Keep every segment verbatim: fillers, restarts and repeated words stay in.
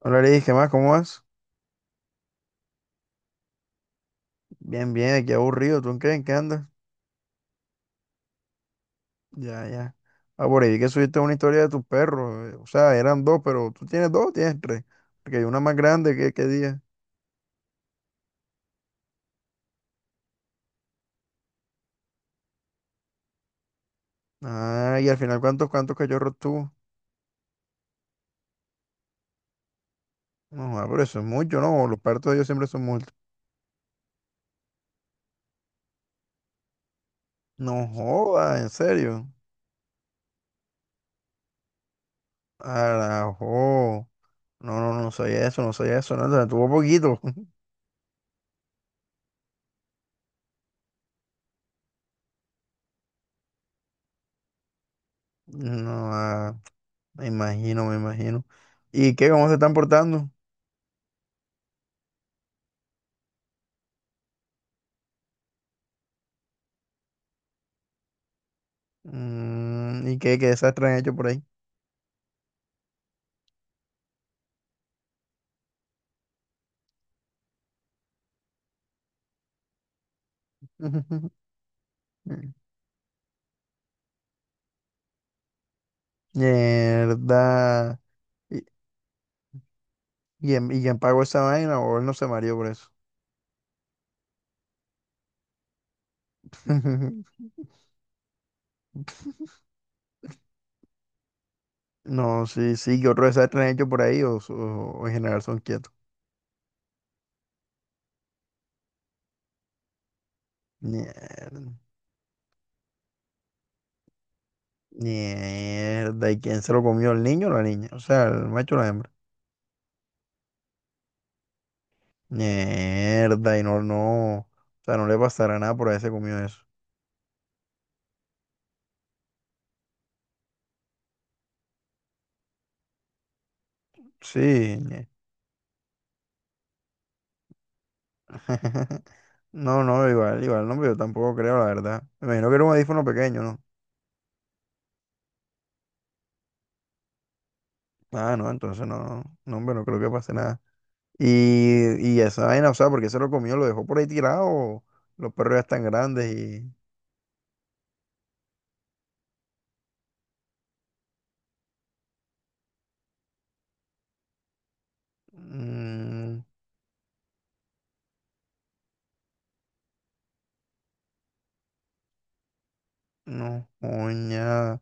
Hola, le ¿qué más? ¿Cómo vas? Bien, bien, aquí aburrido. ¿Tú en qué, en qué andas? Ya, ya. Ah, por ahí vi que subiste una historia de tus perros. eh, O sea, eran dos, pero tú tienes dos, o tienes tres. Porque hay una más grande que qué día. Ah, y al final, ¿cuántos, cuántos cachorros tuvo? No, joda, pero eso es mucho, ¿no? Los partos de ellos siempre son muchos. No joda, en serio. Arajo. No, no, no soy eso, no soy eso, no, tuvo poquito. No, ah, me imagino, me imagino. ¿Y qué? ¿Cómo se están portando? Mm, ¿y qué, qué desastre han hecho por ahí? Mierda. ¿Y, y en- y quién pagó esa vaina o él no se mareó por eso? No, sí, sí, ¿qué otro desastre han hecho por ahí o, so- o en general son quietos? Mierda. Mierda. ¿Y quién se lo comió, el niño o la niña? O sea, el macho o la hembra. Mierda. Y no, no. O sea, no le pasará nada por haberse comido eso. Sí, no, no, igual, igual, no, hombre, yo tampoco creo, la verdad. Me imagino que era un audífono pequeño, ¿no? Ah, no, entonces no, no, no, hombre, no creo que pase nada. Y, y esa vaina, o sea, porque se lo comió, lo dejó por ahí tirado, los perros ya están grandes y... Mm, no, coña.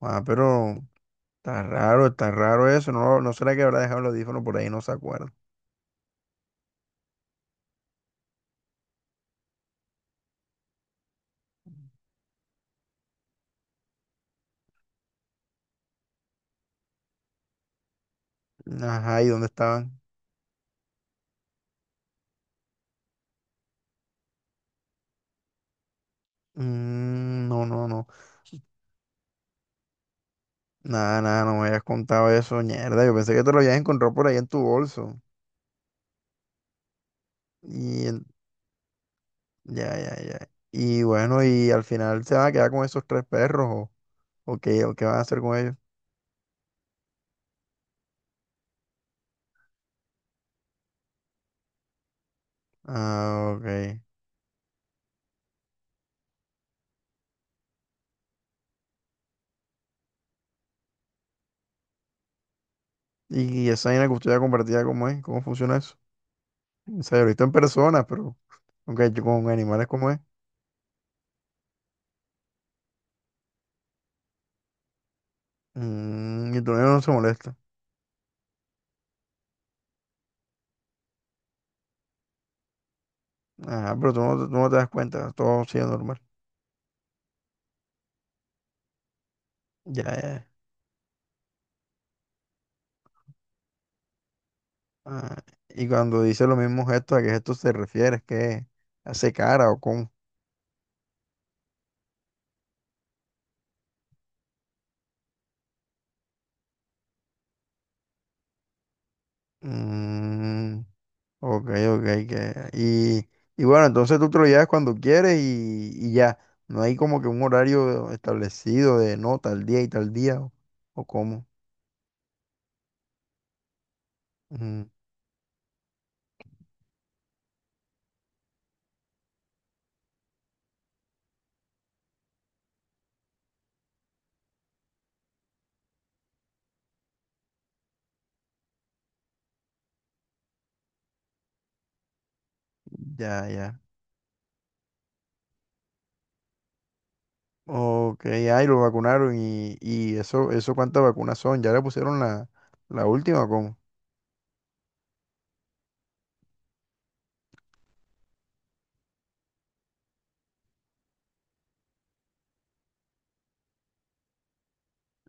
Ah, pero está raro, está raro eso, no, no será que habrá dejado el audífono por ahí, no se acuerda. Ajá, ¿y dónde estaban? Mm, no, no, no. Nada, nada, no me habías contado eso, mierda. Yo pensé que te lo habías encontrado por ahí en tu bolso. Y en- ya, ya, ya. Y bueno, y al final se van a quedar con esos tres perros o, o qué, o qué van a hacer con ellos. Ah, ok. Y, esa vaina de custodia compartida, ¿cómo es? ¿Cómo funciona eso? O sea, yo lo he visto en personas, pero aunque yo con animales, ¿cómo es? Mm, y tu niño no se molesta. Ah, pero tú no, tú no te das cuenta, todo sigue normal. Ya, ya. Ah, y cuando dice los mismos gestos, ¿a qué gestos se refiere? ¿Es que hace cara o cómo? Mm, ok, ok. que- Y, y bueno, entonces tú te lo llevas cuando quieres y, y ya. No hay como que un horario establecido de no, tal día y tal día o, o cómo. Mm, ya, ya. Ok, ahí lo vacunaron y, y eso, eso cuántas vacunas son. ¿Ya le pusieron la, la última o cómo?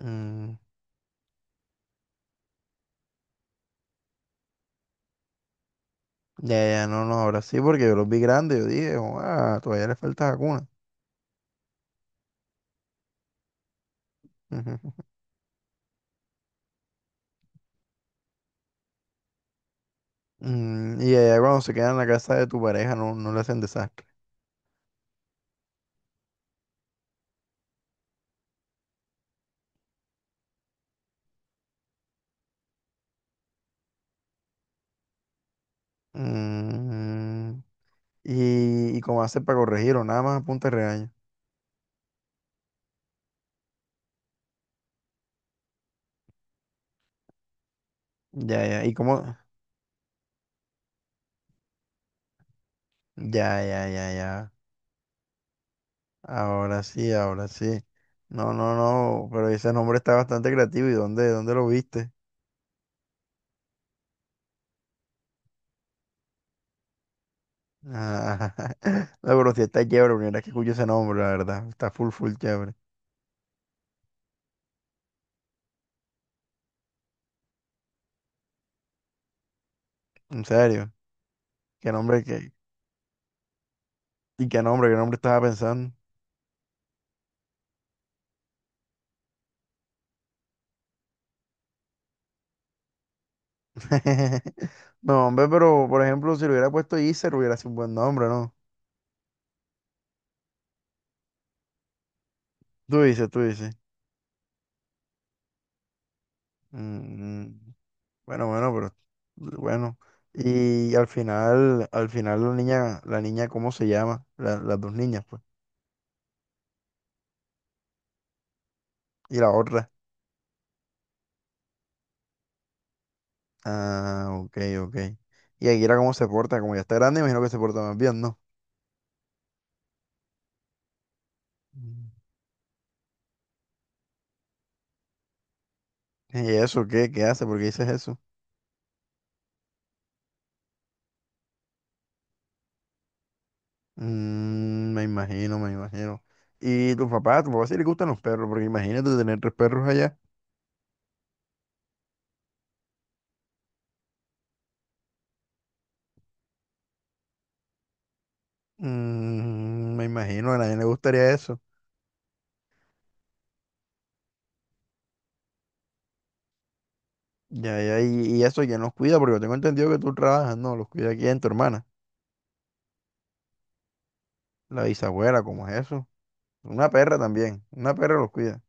Mm, ya, ya, no, no, ahora sí, porque yo los vi grandes, yo dije, ah, todavía le falta vacuna. Ujú. Mm, y allá cuando se quedan en la casa de tu pareja no, no le hacen desastre. Mm, y, y cómo haces para corregirlo, nada más apunta y regaño. Ya, ya, y cómo, ya, ya, ya, ya, ahora sí, ahora sí. No, no, no, pero ese nombre está bastante creativo, ¿y dónde, dónde lo viste? Ah, no, pero sí está chévere, primera vez que escucho ese nombre, la verdad, está full, full chévere. En serio, qué nombre, que ¿Y qué nombre? ¿Qué nombre estaba pensando? No, hombre, pero por ejemplo, si le hubiera puesto Iser, hubiera sido un buen nombre, ¿no? Tú dices, tú dices. Mm, bueno, bueno, pero bueno. Y al final, al final la niña, la niña, ¿cómo se llama? La- las dos niñas, pues. Y la otra. Ah, ok, ok. Y Akira, ¿cómo se porta? Como ya está grande, imagino que se porta más bien, ¿no? Mm. ¿Y eso qué? ¿Qué hace? ¿Por qué dices eso? Mm, me imagino, me imagino. ¿Y tu papá? ¿Tu papá sí le gustan los perros? Porque imagínate tener tres perros allá. Mm, me imagino, a nadie le gustaría eso. Ya, ya, y, y eso, ¿quién los cuida? Porque yo tengo entendido que tú trabajas, no, los cuida aquí en tu hermana, la bisabuela, ¿cómo es eso? Una perra también, una perra los cuida.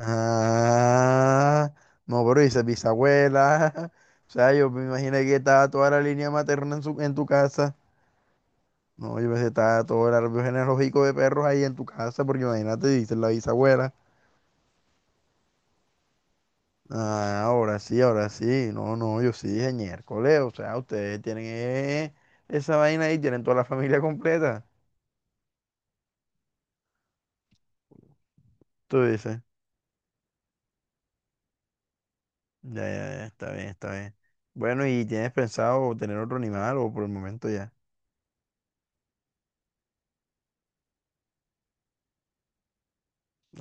Ah, no, pero dices bisabuela. O sea, yo me imaginé que estaba toda la línea materna en su, en tu casa. No, yo pensé que estaba todo el árbol genealógico de perros ahí en tu casa, porque imagínate, dice la bisabuela. Ah, ahora sí, ahora sí. No, no, yo sí dije miércoles. O sea, ustedes tienen eh, esa vaina ahí, tienen toda la familia completa. Tú dices, ya, ya, ya, está bien, está bien. Bueno, ¿y tienes pensado tener otro animal o por el momento ya?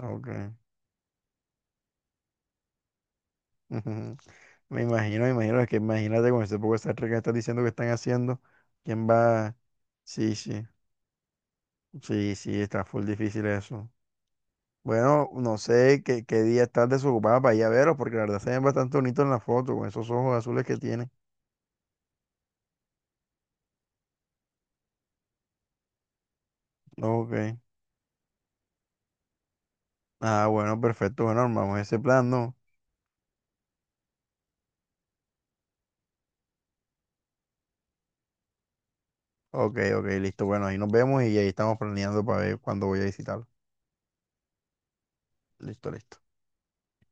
Ok. Ujú. Me imagino, me imagino, es que imagínate con ese poco de Star que estás diciendo que están haciendo. ¿Quién va? Sí, sí, sí, sí, está full difícil eso. Bueno, no sé qué, qué día estás desocupada para ir a veros, porque la verdad se ven bastante bonitos en la foto, con esos ojos azules que tiene. Ok. Ah, bueno, perfecto. Bueno, armamos ese plan, ¿no? Ok, ok, listo. Bueno, ahí nos vemos y ahí estamos planeando para ver cuándo voy a visitarlo. Listo, listo.